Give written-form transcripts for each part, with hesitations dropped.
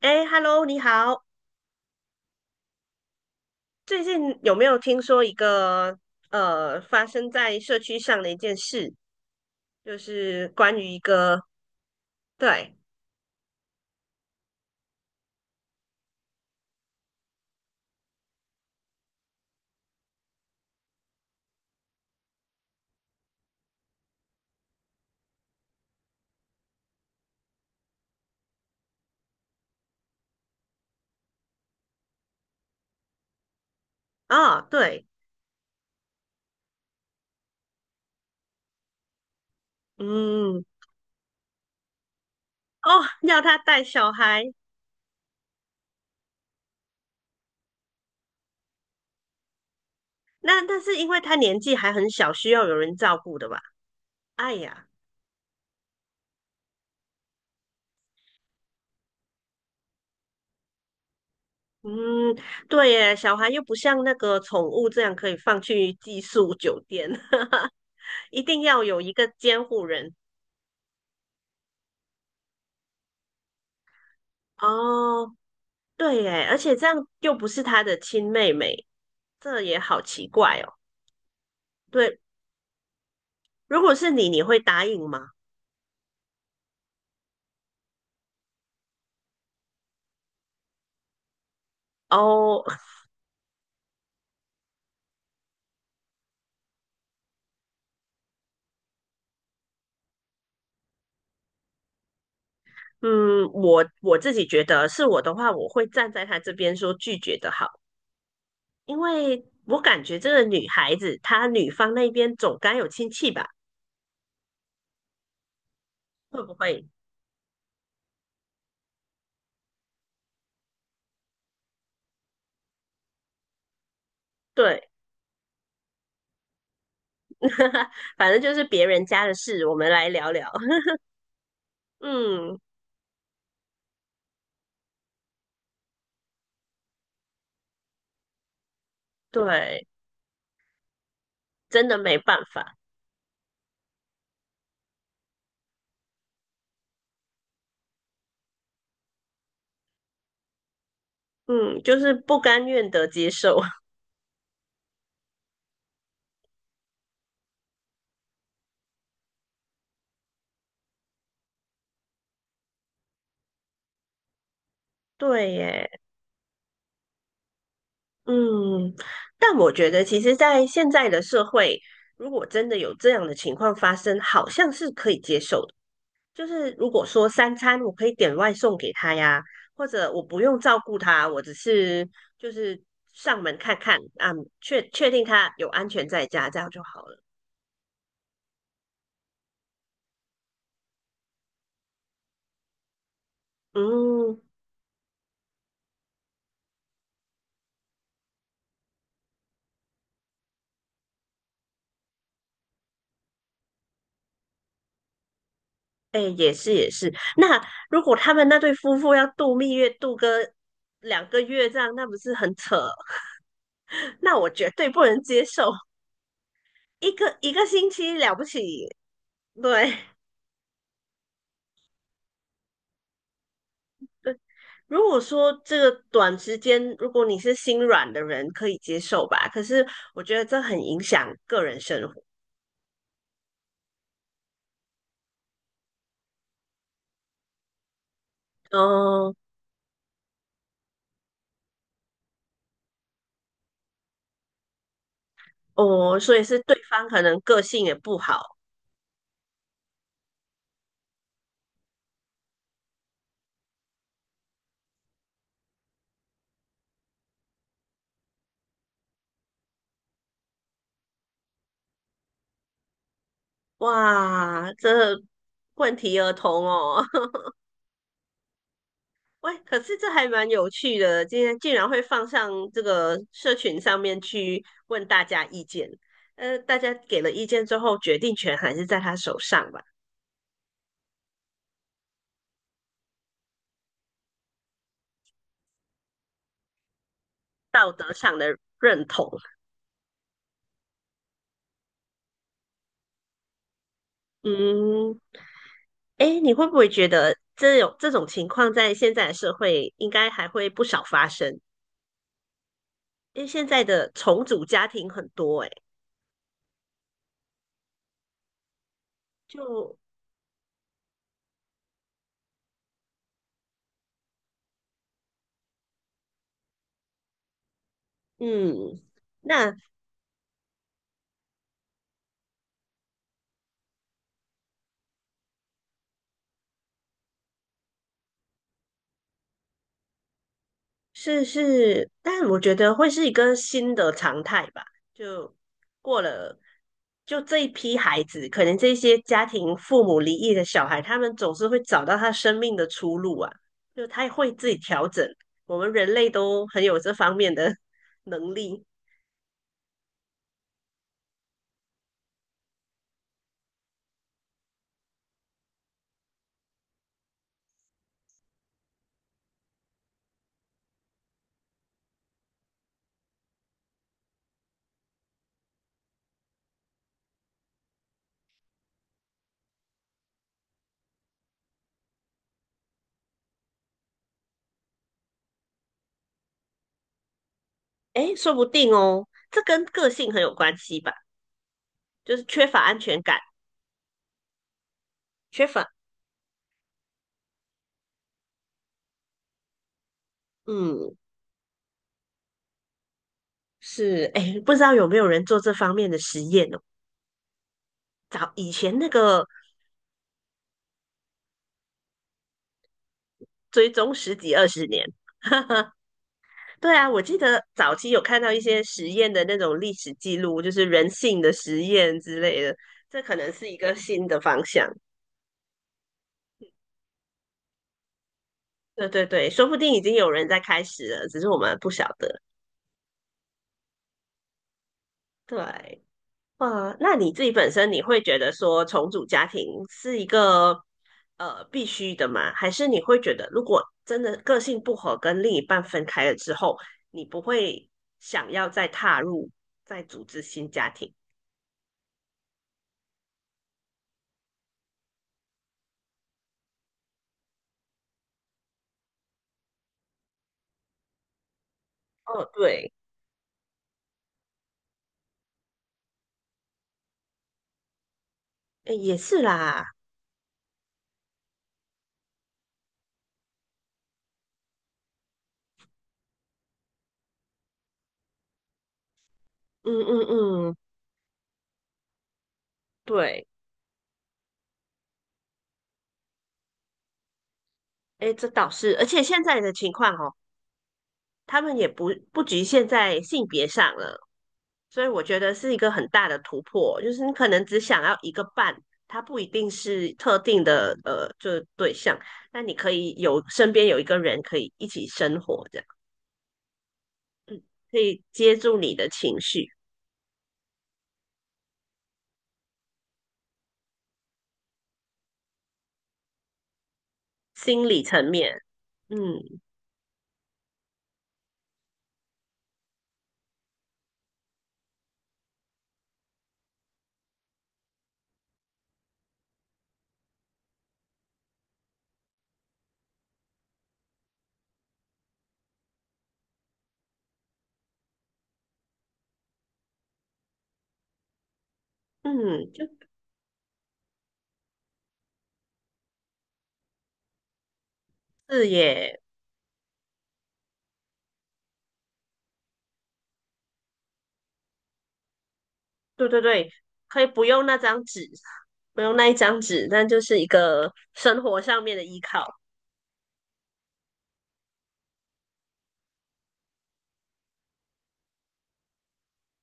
哎，Hello，你好。最近有没有听说一个发生在社区上的一件事？就是关于一个对啊、对。嗯。哦，要他带小孩。那但是因为他年纪还很小，需要有人照顾的吧？哎呀。嗯。对耶，小孩又不像那个宠物这样可以放去寄宿酒店，一定要有一个监护人。哦，对耶，而且这样又不是他的亲妹妹，这也好奇怪哦。对。如果是你，你会答应吗？哦。嗯，我自己觉得是我的话，我会站在他这边说拒绝的好，因为我感觉这个女孩子她女方那边总该有亲戚吧？会不会？对。反正就是别人家的事，我们来聊聊。嗯。对，真的没办法。嗯，就是不甘愿的接受。对耶。嗯，但我觉得，其实，在现在的社会，如果真的有这样的情况发生，好像是可以接受的。就是如果说三餐我可以点外送给他呀，或者我不用照顾他，我只是就是上门看看啊，确确定他有安全在家，这样就好了。嗯。哎，也是也是。那如果他们那对夫妇要度蜜月，度个两个月这样，那不是很扯？那我绝对不能接受。一个一个星期了不起。对。 对。如果说这个短时间，如果你是心软的人，可以接受吧。可是我觉得这很影响个人生活。哦。哦，所以是对方可能个性也不好。哇，这问题儿童哦。喂，可是这还蛮有趣的，今天竟然会放上这个社群上面去问大家意见。大家给了意见之后，决定权还是在他手上吧。认同。嗯。哎，你会不会觉得这种情况在现在的社会应该还会不少发生？因为现在的重组家庭很多。哎，就嗯，那是是，但我觉得会是一个新的常态吧。就过了，就这一批孩子，可能这些家庭父母离异的小孩，他们总是会找到他生命的出路啊，就他会自己调整。我们人类都很有这方面的 能力。诶，说不定哦，这跟个性很有关系吧，就是缺乏安全感。缺乏。嗯，是。诶，不知道有没有人做这方面的实验哦？早以前那个追踪十几二十年。对啊，我记得早期有看到一些实验的那种历史记录，就是人性的实验之类的，这可能是一个新的方向。对对对，说不定已经有人在开始了，只是我们不晓得。对。哇，那你自己本身你会觉得说重组家庭是一个必须的吗？还是你会觉得如果真的个性不合跟另一半分开了之后，你不会想要再踏入再组织新家庭？哦，对。诶也是啦。嗯嗯嗯。对。哎，这倒是，而且现在的情况哦，他们也不局限在性别上了，所以我觉得是一个很大的突破，就是你可能只想要一个伴，他不一定是特定的就是对象，但你可以有身边有一个人可以一起生活，这样。嗯，可以接住你的情绪、心理层面。嗯嗯。就是耶。对对对，可以不用那张纸，不用那一张纸，但就是一个生活上面的依靠。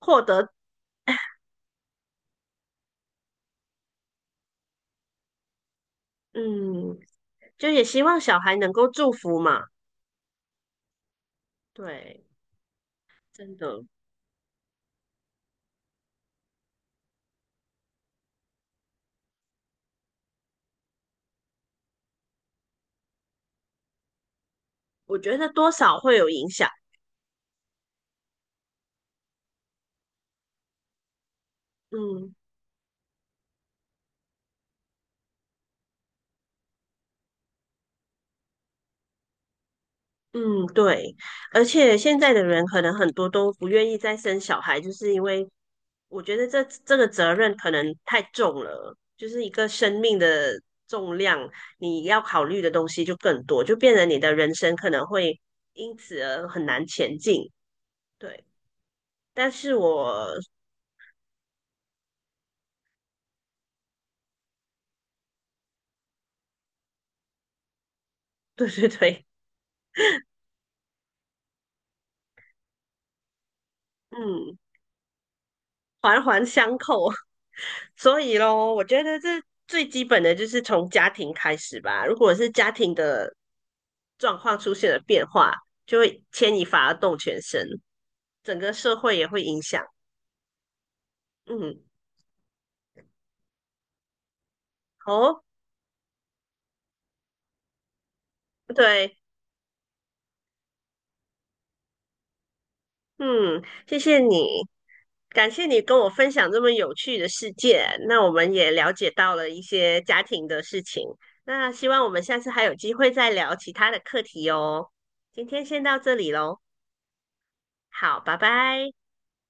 获得。嗯，就也希望小孩能够祝福嘛。对，真的。我觉得多少会有影响。嗯嗯。对，而且现在的人可能很多都不愿意再生小孩，就是因为我觉得这个责任可能太重了，就是一个生命的重量，你要考虑的东西就更多，就变得你的人生可能会因此而很难前进。对，但是我 对对对。嗯。缓缓所以咯，我觉得这最基本的就是从家庭开始吧。如果是家庭的状况出现了变化，就会牵一发而动全身，整个社会也会影响。嗯。哦，对。嗯，谢谢你，感谢你跟我分享这么有趣的世界。那我们也了解到了一些家庭的事情。那希望我们下次还有机会再聊其他的课题哦。今天先到这里喽，好，拜拜。